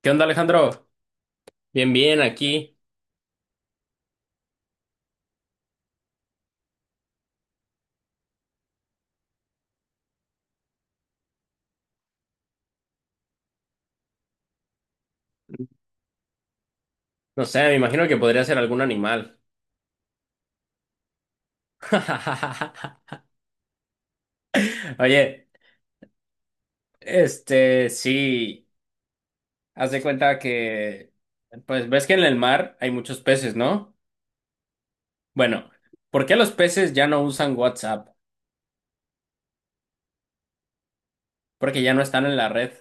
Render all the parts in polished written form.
¿Qué onda, Alejandro? Bien, bien, aquí. No sé, me imagino que podría ser algún animal. Oye, este, sí, haz de cuenta que, pues ves que en el mar hay muchos peces, ¿no? Bueno, ¿por qué los peces ya no usan WhatsApp? Porque ya no están en la red.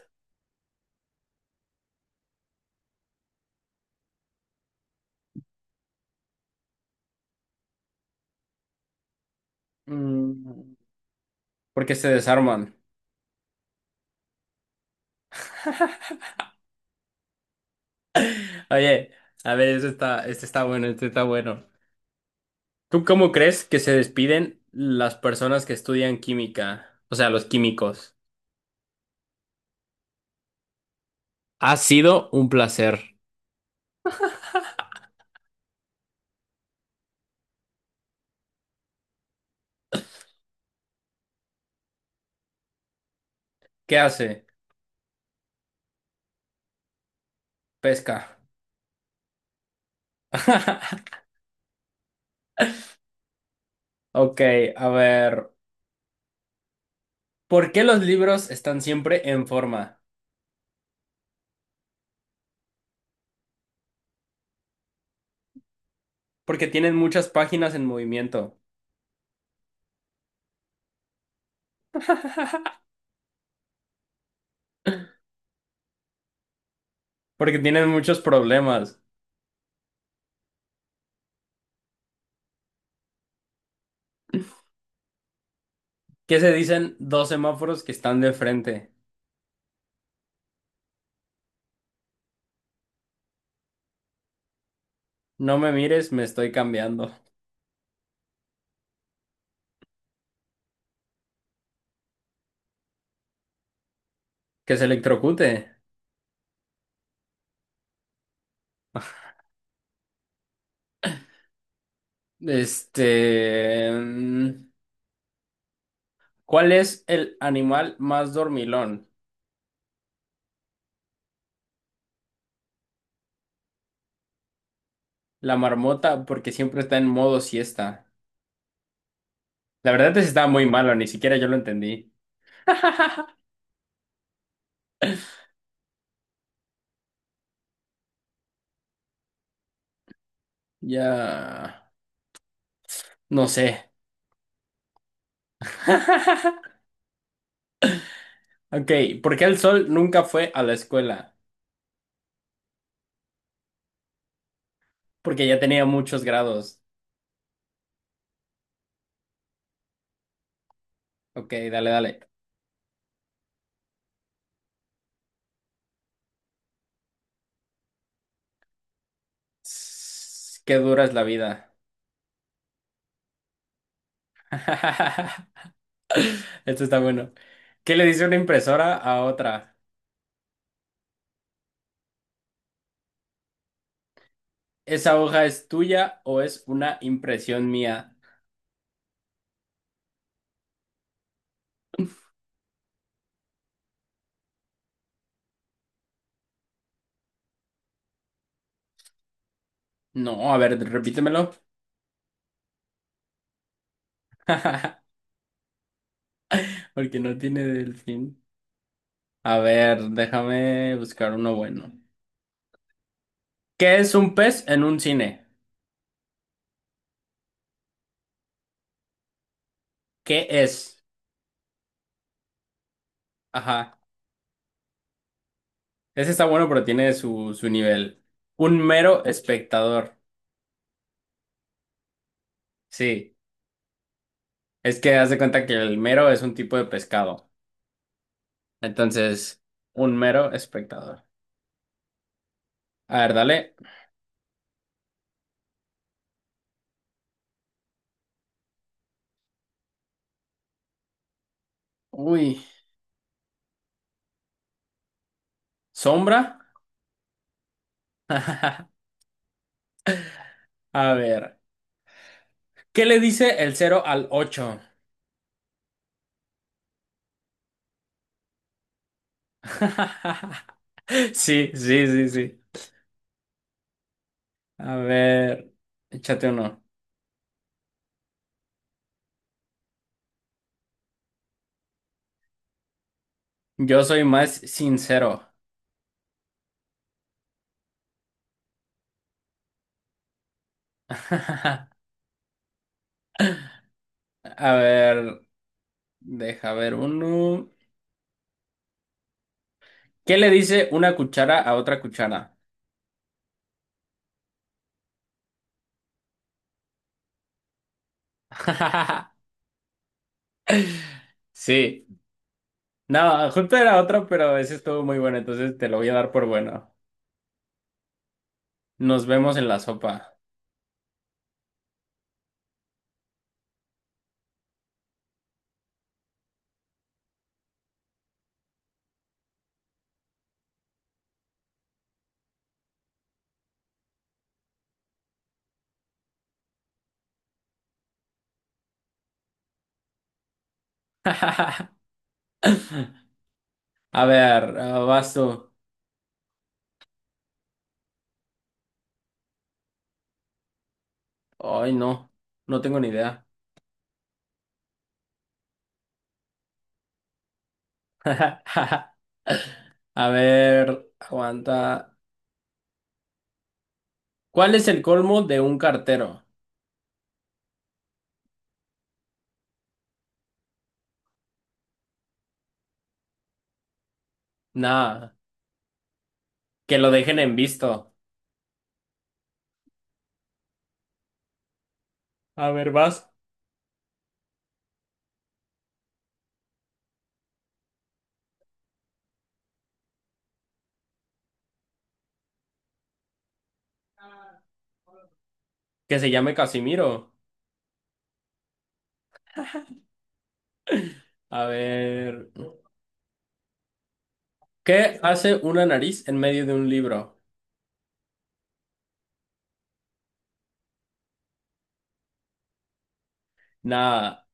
Mm. Porque se desarman. Oye, a ver, este está bueno, este está bueno. ¿Tú cómo crees que se despiden las personas que estudian química? O sea, los químicos. Ha sido un placer. ¿Qué hace? Pesca. Ok, a ver. ¿Por qué los libros están siempre en forma? Porque tienen muchas páginas en movimiento. Porque tienen muchos problemas. ¿Qué se dicen dos semáforos que están de frente? No me mires, me estoy cambiando. Que se electrocute. Este... mm, ¿Cuál es el animal más dormilón? La marmota, porque siempre está en modo siesta. La verdad es que estaba muy malo, ni siquiera yo lo entendí. Ya, no sé. Ok, ¿por qué el sol nunca fue a la escuela? Porque ya tenía muchos grados. Ok, dale, dale. Sss, qué dura es la vida. Esto está bueno. ¿Qué le dice una impresora a otra? ¿Esa hoja es tuya o es una impresión mía? No, a ver, repítemelo. Porque no tiene del fin. A ver, déjame buscar uno bueno. ¿Qué es un pez en un cine? ¿Qué es? Ajá. Ese está bueno, pero tiene su nivel. Un mero espectador. Sí. Es que haz de cuenta que el mero es un tipo de pescado. Entonces, un mero espectador. A ver, dale. Uy. ¿Sombra? A ver. ¿Qué le dice el cero al ocho? Sí, sí, sí, sí. A ver. Échate uno. Yo soy más sincero. A ver. Deja ver uno. ¿Qué le dice una cuchara a otra cuchara? Sí. No, justo era otra, pero ese estuvo muy bueno, entonces te lo voy a dar por bueno. Nos vemos en la sopa. A ver, ah, vas tú. Ay, no, no tengo ni idea. A ver, aguanta. ¿Cuál es el colmo de un cartero? Nada, que lo dejen en visto. A ver, vas. Que se llame Casimiro. A ver. ¿Qué hace una nariz en medio de un libro? Nada,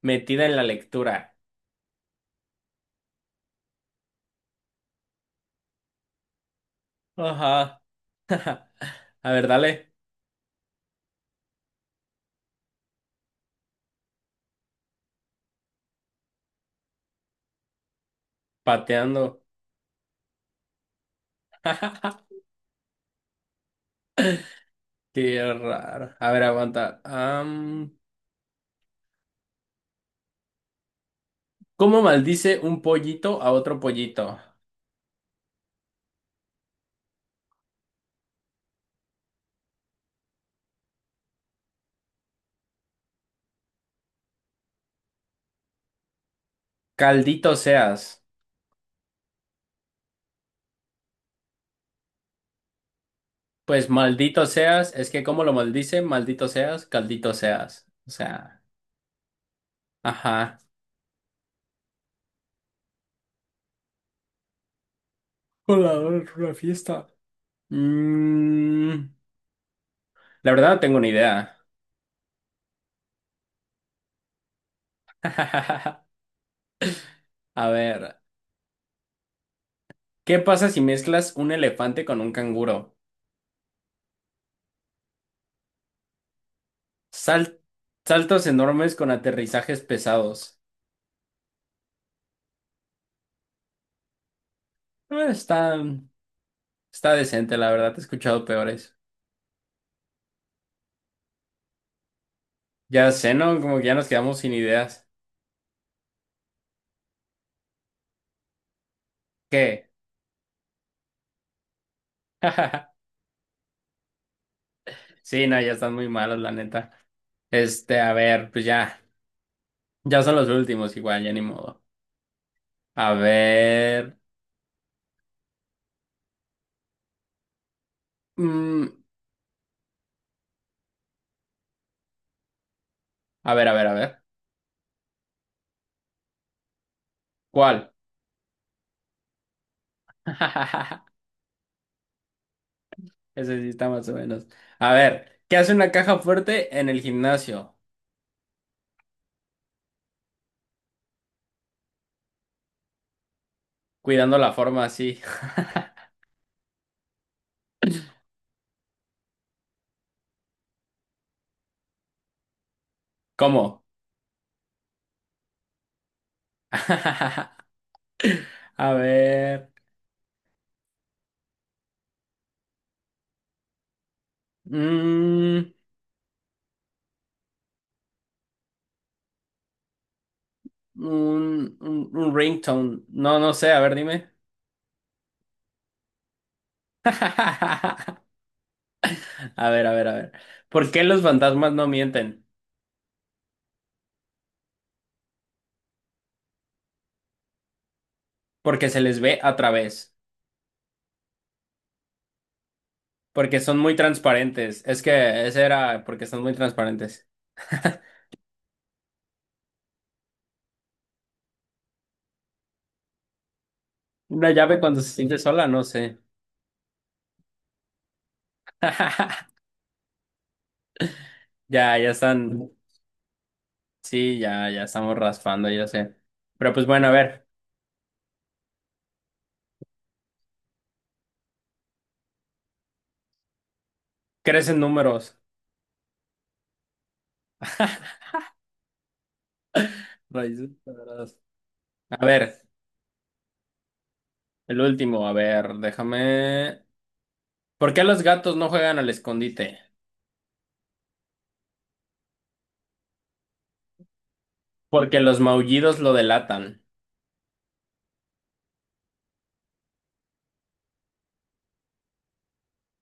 metida en la lectura. Ajá. A ver, dale, pateando. Qué raro. A ver, aguanta. ¿Cómo maldice un pollito a otro pollito? Caldito seas. Pues maldito seas, es que ¿cómo lo maldice? Maldito seas, caldito seas. O sea, ajá. Hola, hola, una fiesta. Mm, la verdad no tengo ni idea. A ver. ¿Qué pasa si mezclas un elefante con un canguro? Sal- saltos enormes con aterrizajes pesados. Eh, Está, está decente, la verdad. He escuchado peores. Ya sé, ¿no? Como que ya nos quedamos sin ideas. ¿Qué? Sí, no, ya están muy malos, la neta. Este, a ver, pues ya. Ya son los últimos, igual, ya ni modo. A ver. mm, a ver, a ver. ¿Cuál? Ese sí está más o menos. A ver, ¿qué hace una caja fuerte en el gimnasio? Cuidando la forma así. ¿Cómo? A ver. Mm, un ringtone. No, no sé. A ver, dime. A ver, a ver. ¿Por qué los fantasmas no mienten? Porque se les ve a través. Porque son muy transparentes. Es que ese era porque son muy transparentes. Una llave cuando se siente sola, no sé. Ya, ya están. Sí, ya, ya estamos raspando, ya sé. Pero pues bueno, a ver. Crecen números. Raíces cuadradas. A ver, el último, a ver, déjame. ¿Por qué los gatos no juegan al escondite? Porque los maullidos lo delatan.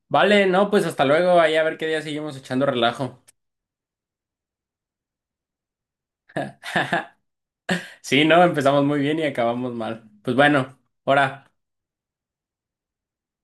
Vale, no, pues hasta luego, ahí a ver qué día seguimos echando relajo. Sí, no, empezamos muy bien y acabamos mal. Pues bueno, ahora.